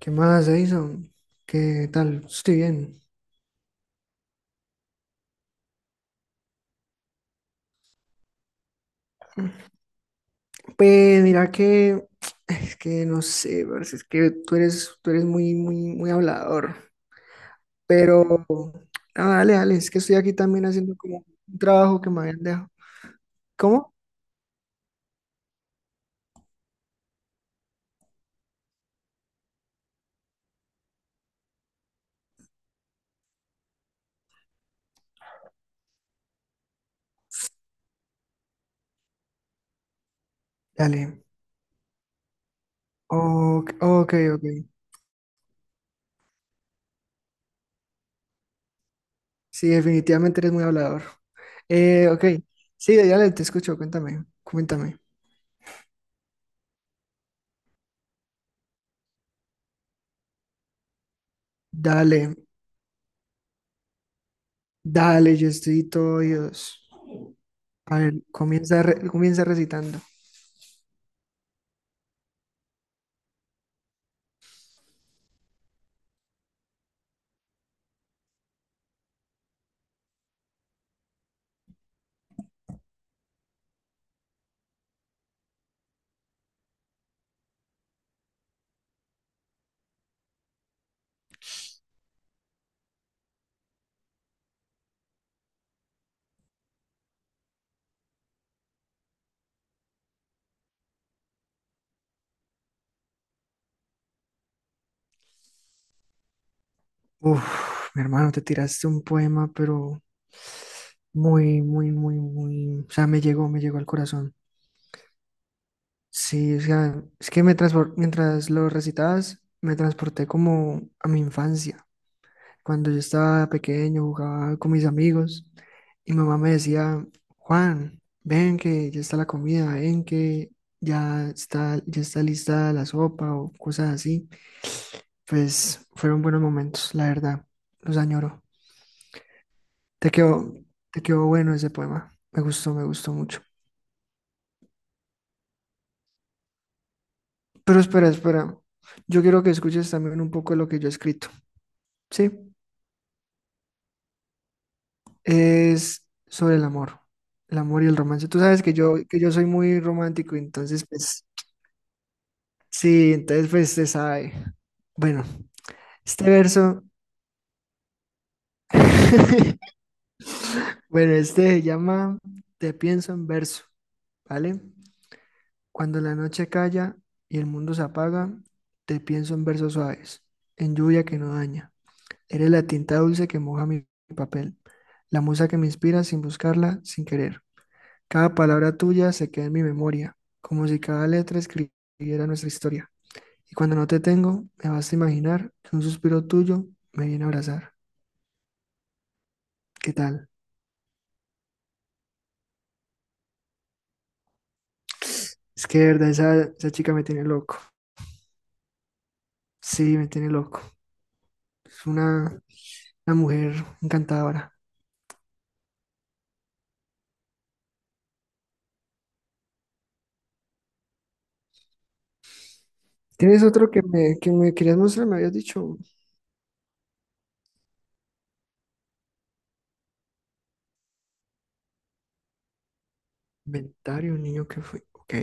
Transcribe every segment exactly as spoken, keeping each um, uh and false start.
¿Qué más, Edison? ¿Qué tal? Estoy bien. Pues mira que es que no sé, parce, es que tú eres, tú eres muy, muy, muy hablador. Pero no, dale, dale, es que estoy aquí también haciendo como un trabajo que me habían dejado. ¿Cómo? Dale. Ok, ok, ok. Sí, definitivamente eres muy hablador. Eh, ok. Sí, dale, te escucho, cuéntame, cuéntame. Dale, dale, yo estoy todo oídos. A ver, comienza, re- comienza recitando. Uf, mi hermano, te tiraste un poema, pero muy, muy, muy, muy, o sea, me llegó, me llegó al corazón. Sí, o sea, es que me transpor- mientras lo recitabas, me transporté como a mi infancia. Cuando yo estaba pequeño, jugaba con mis amigos y mi mamá me decía, Juan, ven que ya está la comida, ven que ya está, ya está lista la sopa o cosas así. Pues fueron buenos momentos, la verdad, los añoro. Te quedó, te quedó bueno ese poema. Me gustó, me gustó mucho. Pero espera, espera. Yo quiero que escuches también un poco de lo que yo he escrito. Sí, es sobre el amor, el amor y el romance. Tú sabes que yo, que yo soy muy romántico, entonces, pues, sí, entonces, pues, se sabe. Bueno, este verso, bueno, este se llama Te pienso en verso, ¿vale? Cuando la noche calla y el mundo se apaga, te pienso en versos suaves, en lluvia que no daña. Eres la tinta dulce que moja mi papel, la musa que me inspira sin buscarla, sin querer. Cada palabra tuya se queda en mi memoria, como si cada letra escribiera nuestra historia. Y cuando no te tengo, me basta imaginar que un suspiro tuyo me viene a abrazar. ¿Qué tal? Es que de verdad esa, esa chica me tiene loco. Sí, me tiene loco. Es una, una mujer encantadora. ¿Tienes otro que me, que me querías mostrar? Me habías dicho inventario, un niño que fue. Ok.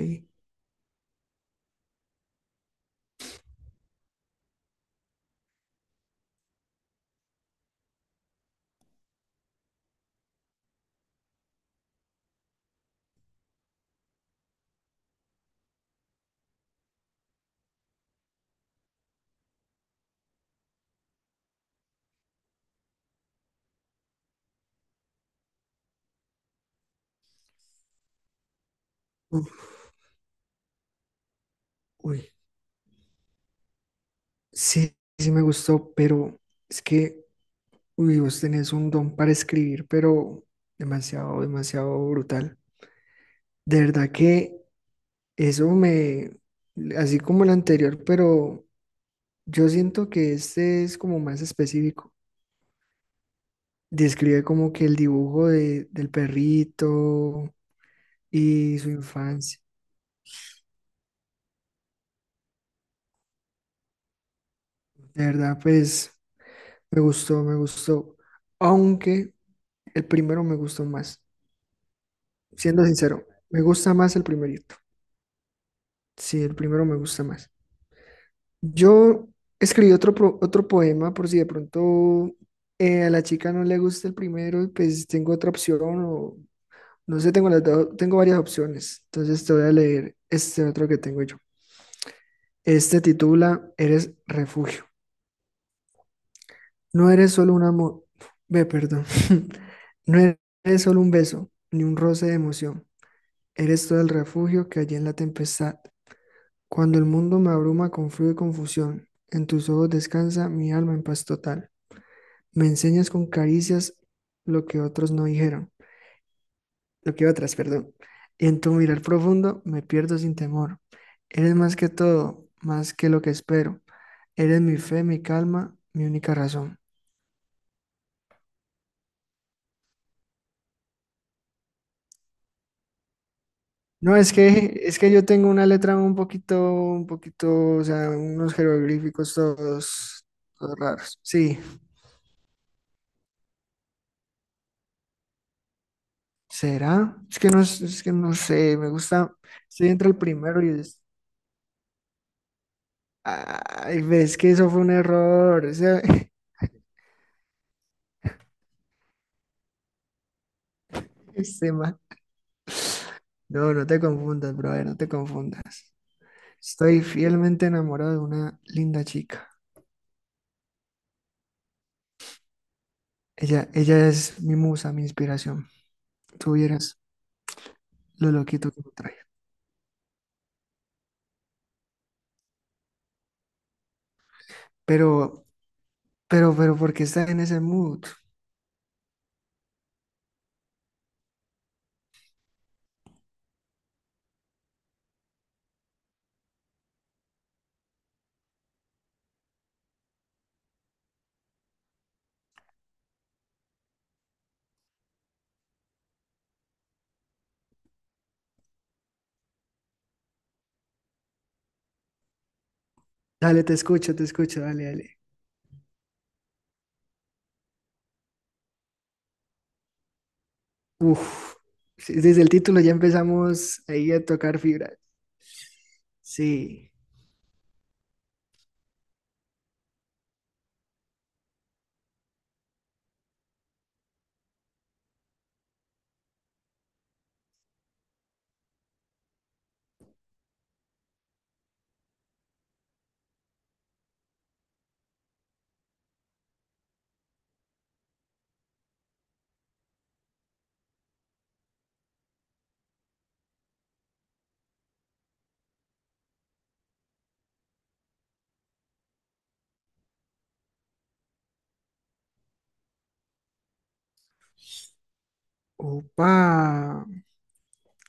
Uf, uy. Sí, sí me gustó, pero es que, uy, vos tenés un don para escribir, pero demasiado, demasiado brutal. De verdad que eso me, así como el anterior, pero yo siento que este es como más específico. Describe como que el dibujo de, del perrito y su infancia. De verdad, pues me gustó, me gustó. Aunque el primero me gustó más. Siendo sincero, me gusta más el primerito. Sí, el primero me gusta más. Yo escribí otro, pro- otro poema por si de pronto eh, a la chica no le gusta el primero, pues tengo otra opción o no sé, tengo, las do- tengo varias opciones. Entonces te voy a leer este otro que tengo yo. Este titula Eres refugio. No eres solo un amor, ve, perdón. No eres solo un beso, ni un roce de emoción. Eres todo el refugio que hay en la tempestad. Cuando el mundo me abruma con frío y confusión, en tus ojos descansa mi alma en paz total. Me enseñas con caricias lo que otros no dijeron, lo que otras, perdón. Y en tu mirar profundo me pierdo sin temor. Eres más que todo, más que lo que espero. Eres mi fe, mi calma, mi única razón. No, es que es que yo tengo una letra un poquito, un poquito, o sea, unos jeroglíficos todos, todos raros. Sí. ¿Será? Es que no, es es que no sé, me gusta, estoy entre el primero y es, ay, ves que eso fue un error, ese, ese ma- No, no te confundas, brother, no te confundas. Estoy fielmente enamorado de una linda chica. Ella, ella es mi musa, mi inspiración. Tú vieras lo loquito que me trae. Pero, pero, pero, ¿por qué estás en ese mood? Dale, te escucho, te escucho, dale, dale. Uf, sí, desde el título ya empezamos ahí a tocar fibras. Sí. Opa,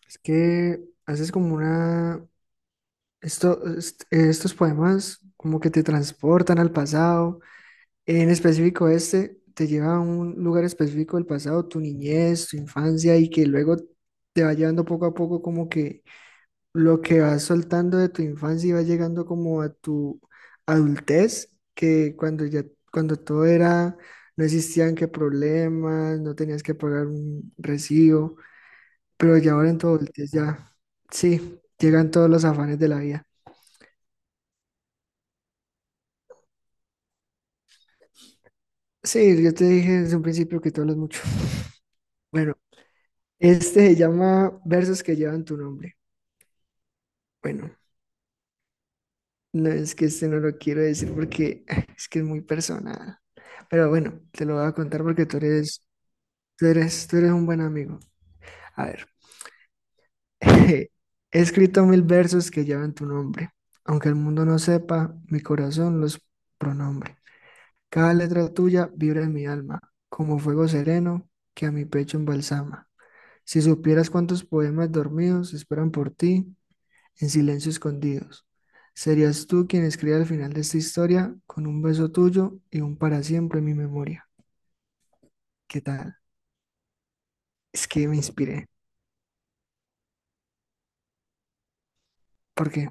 es que haces como una... Esto, est- estos poemas como que te transportan al pasado. En específico este, te lleva a un lugar específico del pasado, tu niñez, tu infancia, y que luego te va llevando poco a poco como que lo que vas soltando de tu infancia y va llegando como a tu adultez, que cuando ya, cuando todo era, no existían que problemas, no tenías que pagar un recibo, pero ya ahora en tu adultez ya, sí, llegan todos los afanes de la vida. Sí, yo te dije desde un principio que tú hablas mucho. Bueno, este se llama Versos que llevan tu nombre. Bueno, no es que este no lo quiero decir porque es que es muy personal. Pero bueno, te lo voy a contar porque tú eres. Tú eres, tú eres un buen amigo. A ver, he escrito mil versos que llevan tu nombre. Aunque el mundo no sepa, mi corazón los pronombre. Cada letra tuya vibra en mi alma, como fuego sereno que a mi pecho embalsama. Si supieras cuántos poemas dormidos esperan por ti, en silencio escondidos, serías tú quien escriba al final de esta historia con un beso tuyo y un para siempre en mi memoria. ¿Qué tal? Es que me inspiré, porque,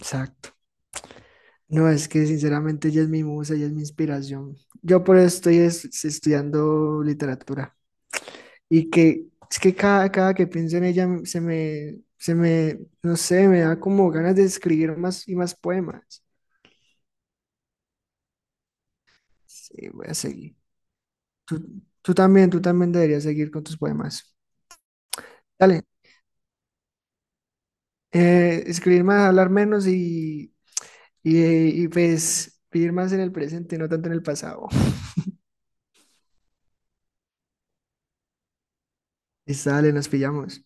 o sea, no, es que sinceramente ella es mi musa, ella es mi inspiración. Yo por eso estoy es- estudiando literatura. Y que es que cada, cada que pienso en ella se me, se me, no sé, me da como ganas de escribir más y más poemas. Sí, voy a seguir. Tú, tú también, tú también deberías seguir con tus poemas. Dale, eh, escribir más, hablar menos y, y, y pues vivir más en el presente, no tanto en el pasado. Listo, dale, nos pillamos.